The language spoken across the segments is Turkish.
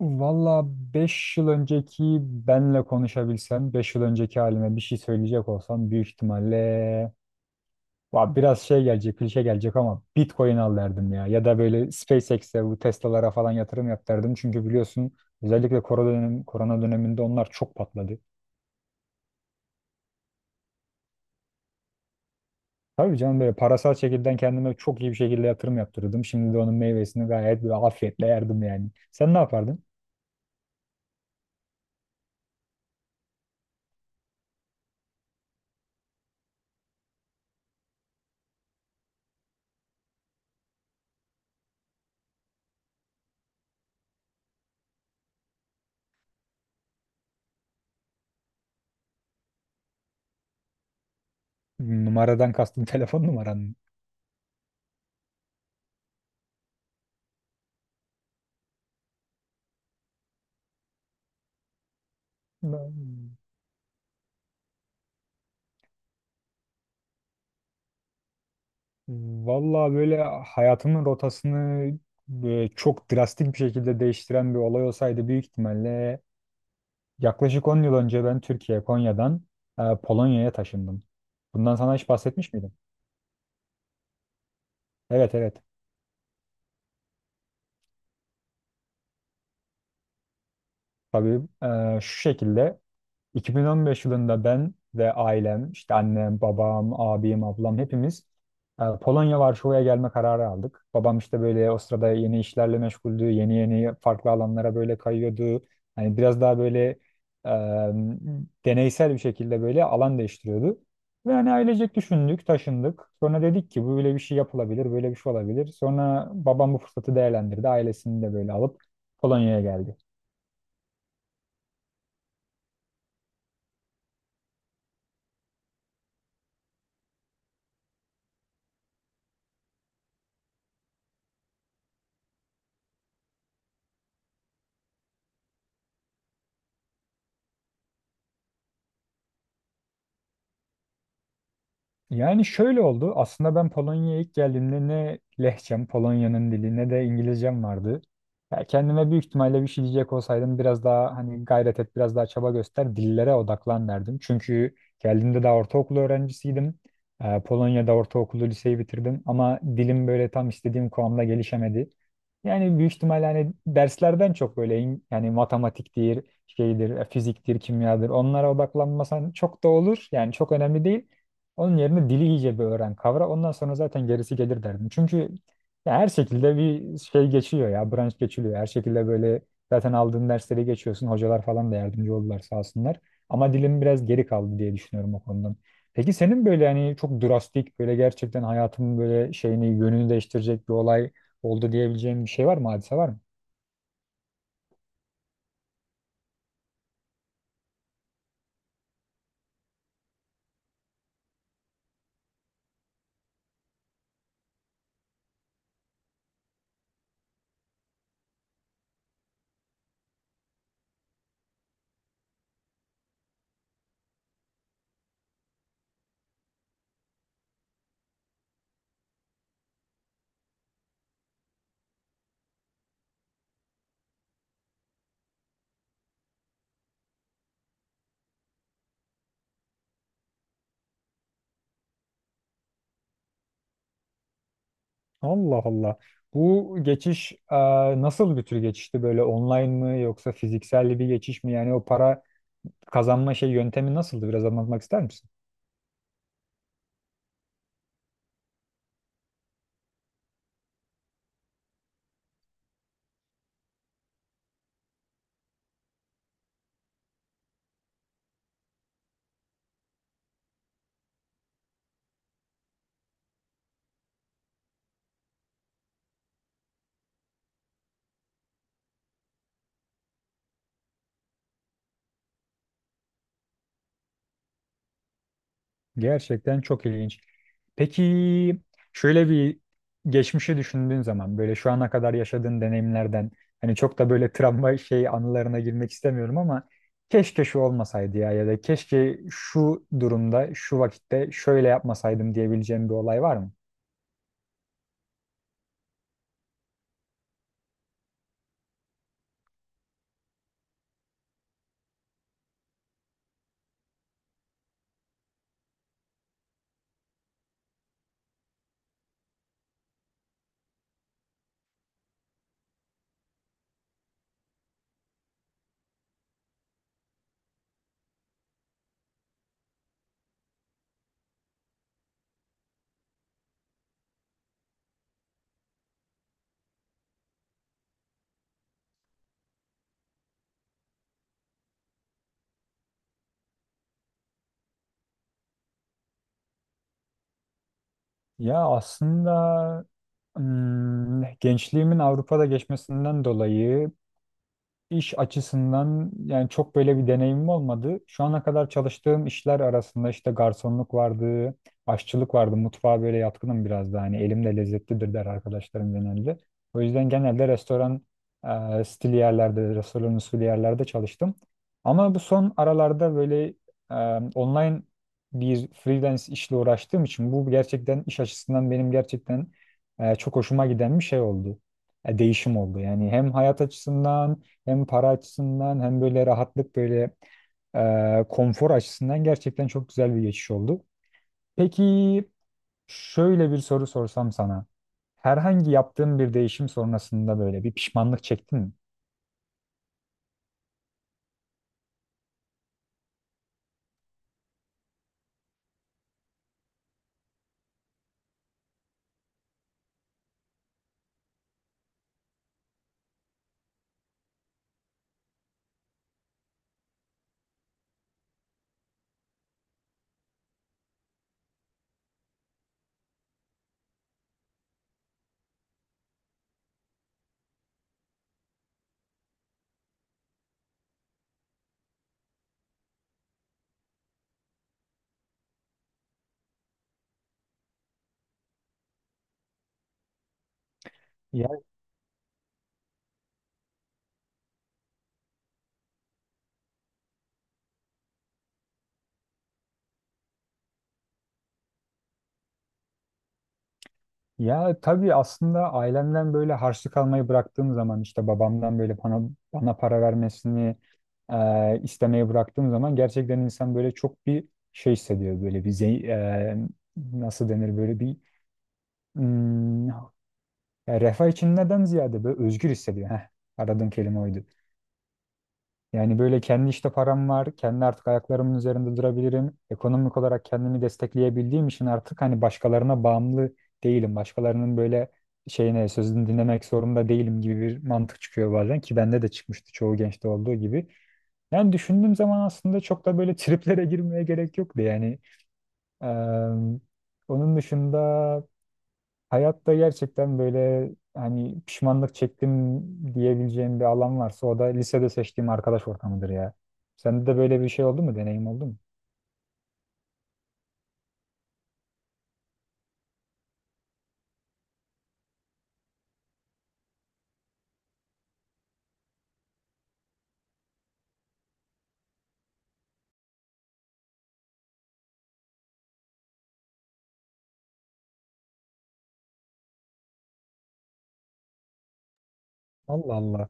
Valla 5 yıl önceki benle konuşabilsem, 5 yıl önceki halime bir şey söyleyecek olsam büyük ihtimalle va biraz şey gelecek, klişe gelecek ama Bitcoin al derdim ya. Ya da böyle SpaceX'e, bu Tesla'lara falan yatırım yap derdim. Çünkü biliyorsun özellikle korona döneminde onlar çok patladı. Tabii canım böyle parasal şekilden kendime çok iyi bir şekilde yatırım yaptırdım. Şimdi de onun meyvesini gayet böyle afiyetle yerdim yani. Sen ne yapardın? Numaradan kastın telefon numaran mı? Vallahi böyle hayatımın rotasını çok drastik bir şekilde değiştiren bir olay olsaydı büyük ihtimalle yaklaşık 10 yıl önce ben Türkiye, Konya'dan Polonya'ya taşındım. Bundan sana hiç bahsetmiş miydim? Evet evet. Tabii şu şekilde, 2015 yılında ben ve ailem, işte annem, babam, abim, ablam hepimiz Polonya Varşova'ya gelme kararı aldık. Babam işte böyle o sırada yeni işlerle meşguldü, yeni yeni farklı alanlara böyle kayıyordu. Hani biraz daha böyle e, deneysel bir şekilde böyle alan değiştiriyordu. Ve hani ailecek düşündük, taşındık. Sonra dedik ki bu böyle bir şey yapılabilir, böyle bir şey olabilir. Sonra babam bu fırsatı değerlendirdi. Ailesini de böyle alıp Polonya'ya geldi. Yani şöyle oldu. Aslında ben Polonya'ya ilk geldiğimde ne lehçem, Polonya'nın dili ne de İngilizcem vardı. Ya kendime büyük ihtimalle bir şey diyecek olsaydım biraz daha hani gayret et, biraz daha çaba göster, dillere odaklan derdim. Çünkü geldiğimde daha ortaokul öğrencisiydim. Polonya'da ortaokulu, liseyi bitirdim ama dilim böyle tam istediğim kıvamda gelişemedi. Yani büyük ihtimalle hani derslerden çok böyle yani matematiktir, şeydir, fiziktir, kimyadır onlara odaklanmasan çok da olur. Yani çok önemli değil. Onun yerine dili iyice bir öğren, kavra. Ondan sonra zaten gerisi gelir derdim. Çünkü ya her şekilde bir şey geçiyor ya, branş geçiliyor. Her şekilde böyle zaten aldığın dersleri geçiyorsun. Hocalar falan da yardımcı oldular sağ olsunlar. Ama dilim biraz geri kaldı diye düşünüyorum o konudan. Peki senin böyle hani çok drastik, böyle gerçekten hayatımın böyle şeyini, yönünü değiştirecek bir olay oldu diyebileceğim bir şey var mı? Hadise var mı? Allah Allah. Bu geçiş nasıl bir tür geçişti? Böyle online mı yoksa fiziksel bir geçiş mi? Yani o para kazanma yöntemi nasıldı? Biraz anlatmak ister misin? Gerçekten çok ilginç. Peki şöyle bir geçmişi düşündüğün zaman böyle şu ana kadar yaşadığın deneyimlerden hani çok da böyle travma şey anılarına girmek istemiyorum ama keşke şu olmasaydı ya ya da keşke şu durumda şu vakitte şöyle yapmasaydım diyebileceğim bir olay var mı? Ya aslında gençliğimin Avrupa'da geçmesinden dolayı İş açısından yani çok böyle bir deneyimim olmadı. Şu ana kadar çalıştığım işler arasında işte garsonluk vardı, aşçılık vardı. Mutfağa böyle yatkınım biraz da hani elim de lezzetlidir der arkadaşlarım genelde. O yüzden genelde restoran stili yerlerde, restoran usulü yerlerde çalıştım. Ama bu son aralarda böyle e, online bir freelance işle uğraştığım için bu gerçekten iş açısından benim gerçekten çok hoşuma giden bir şey oldu. Değişim oldu. Yani hem hayat açısından hem para açısından hem böyle rahatlık böyle konfor açısından gerçekten çok güzel bir geçiş oldu. Peki şöyle bir soru sorsam sana. Herhangi yaptığın bir değişim sonrasında böyle bir pişmanlık çektin mi? Ya, ya tabii aslında ailemden böyle harçlık almayı bıraktığım zaman işte babamdan böyle bana para vermesini istemeyi bıraktığım zaman gerçekten insan böyle çok bir şey hissediyor. Böyle bir nasıl denir böyle bir hmm, yani refah içinden ziyade böyle özgür hissediyor. Heh, aradığım kelime oydu. Yani böyle kendi işte param var. Kendi artık ayaklarımın üzerinde durabilirim. Ekonomik olarak kendimi destekleyebildiğim için artık hani başkalarına bağımlı değilim. Başkalarının böyle şeyine sözünü dinlemek zorunda değilim gibi bir mantık çıkıyor bazen ki bende de çıkmıştı çoğu gençte olduğu gibi. Yani düşündüğüm zaman aslında çok da böyle triplere girmeye gerek yoktu yani. Eee, Onun dışında hayatta gerçekten böyle hani pişmanlık çektim diyebileceğim bir alan varsa o da lisede seçtiğim arkadaş ortamıdır ya. Sende de böyle bir şey oldu mu? Deneyim oldu mu? Allah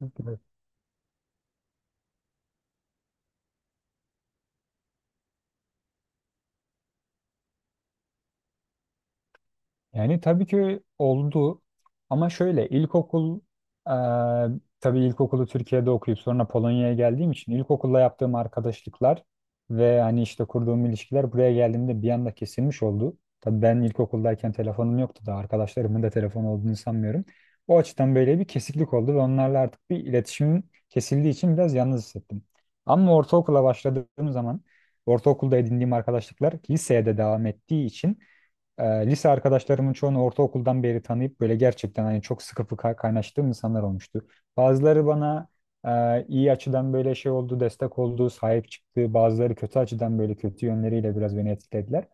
Allah. Yani tabii ki oldu ama şöyle e, tabii ilkokulu Türkiye'de okuyup sonra Polonya'ya geldiğim için ilkokulla yaptığım arkadaşlıklar ve hani işte kurduğum ilişkiler buraya geldiğimde bir anda kesilmiş oldu. Tabii ben ilkokuldayken telefonum yoktu da arkadaşlarımın da telefon olduğunu sanmıyorum. O açıdan böyle bir kesiklik oldu ve onlarla artık bir iletişim kesildiği için biraz yalnız hissettim. Ama ortaokula başladığım zaman ortaokulda edindiğim arkadaşlıklar liseye de devam ettiği için lise arkadaşlarımın çoğunu ortaokuldan beri tanıyıp böyle gerçekten hani çok sıkı fıkı kaynaştığım insanlar olmuştu. Bazıları bana iyi açıdan böyle şey oldu, destek oldu, sahip çıktı. Bazıları kötü açıdan böyle kötü yönleriyle biraz beni etkilediler.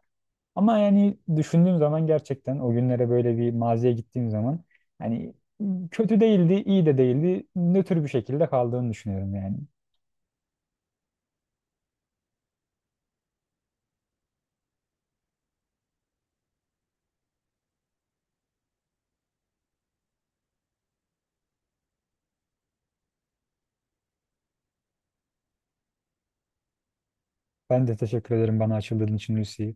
Ama yani düşündüğüm zaman gerçekten o günlere böyle bir maziye gittiğim zaman hani kötü değildi, iyi de değildi. Nötr bir şekilde kaldığını düşünüyorum yani. Ben de teşekkür ederim bana açıldığın için Lucy.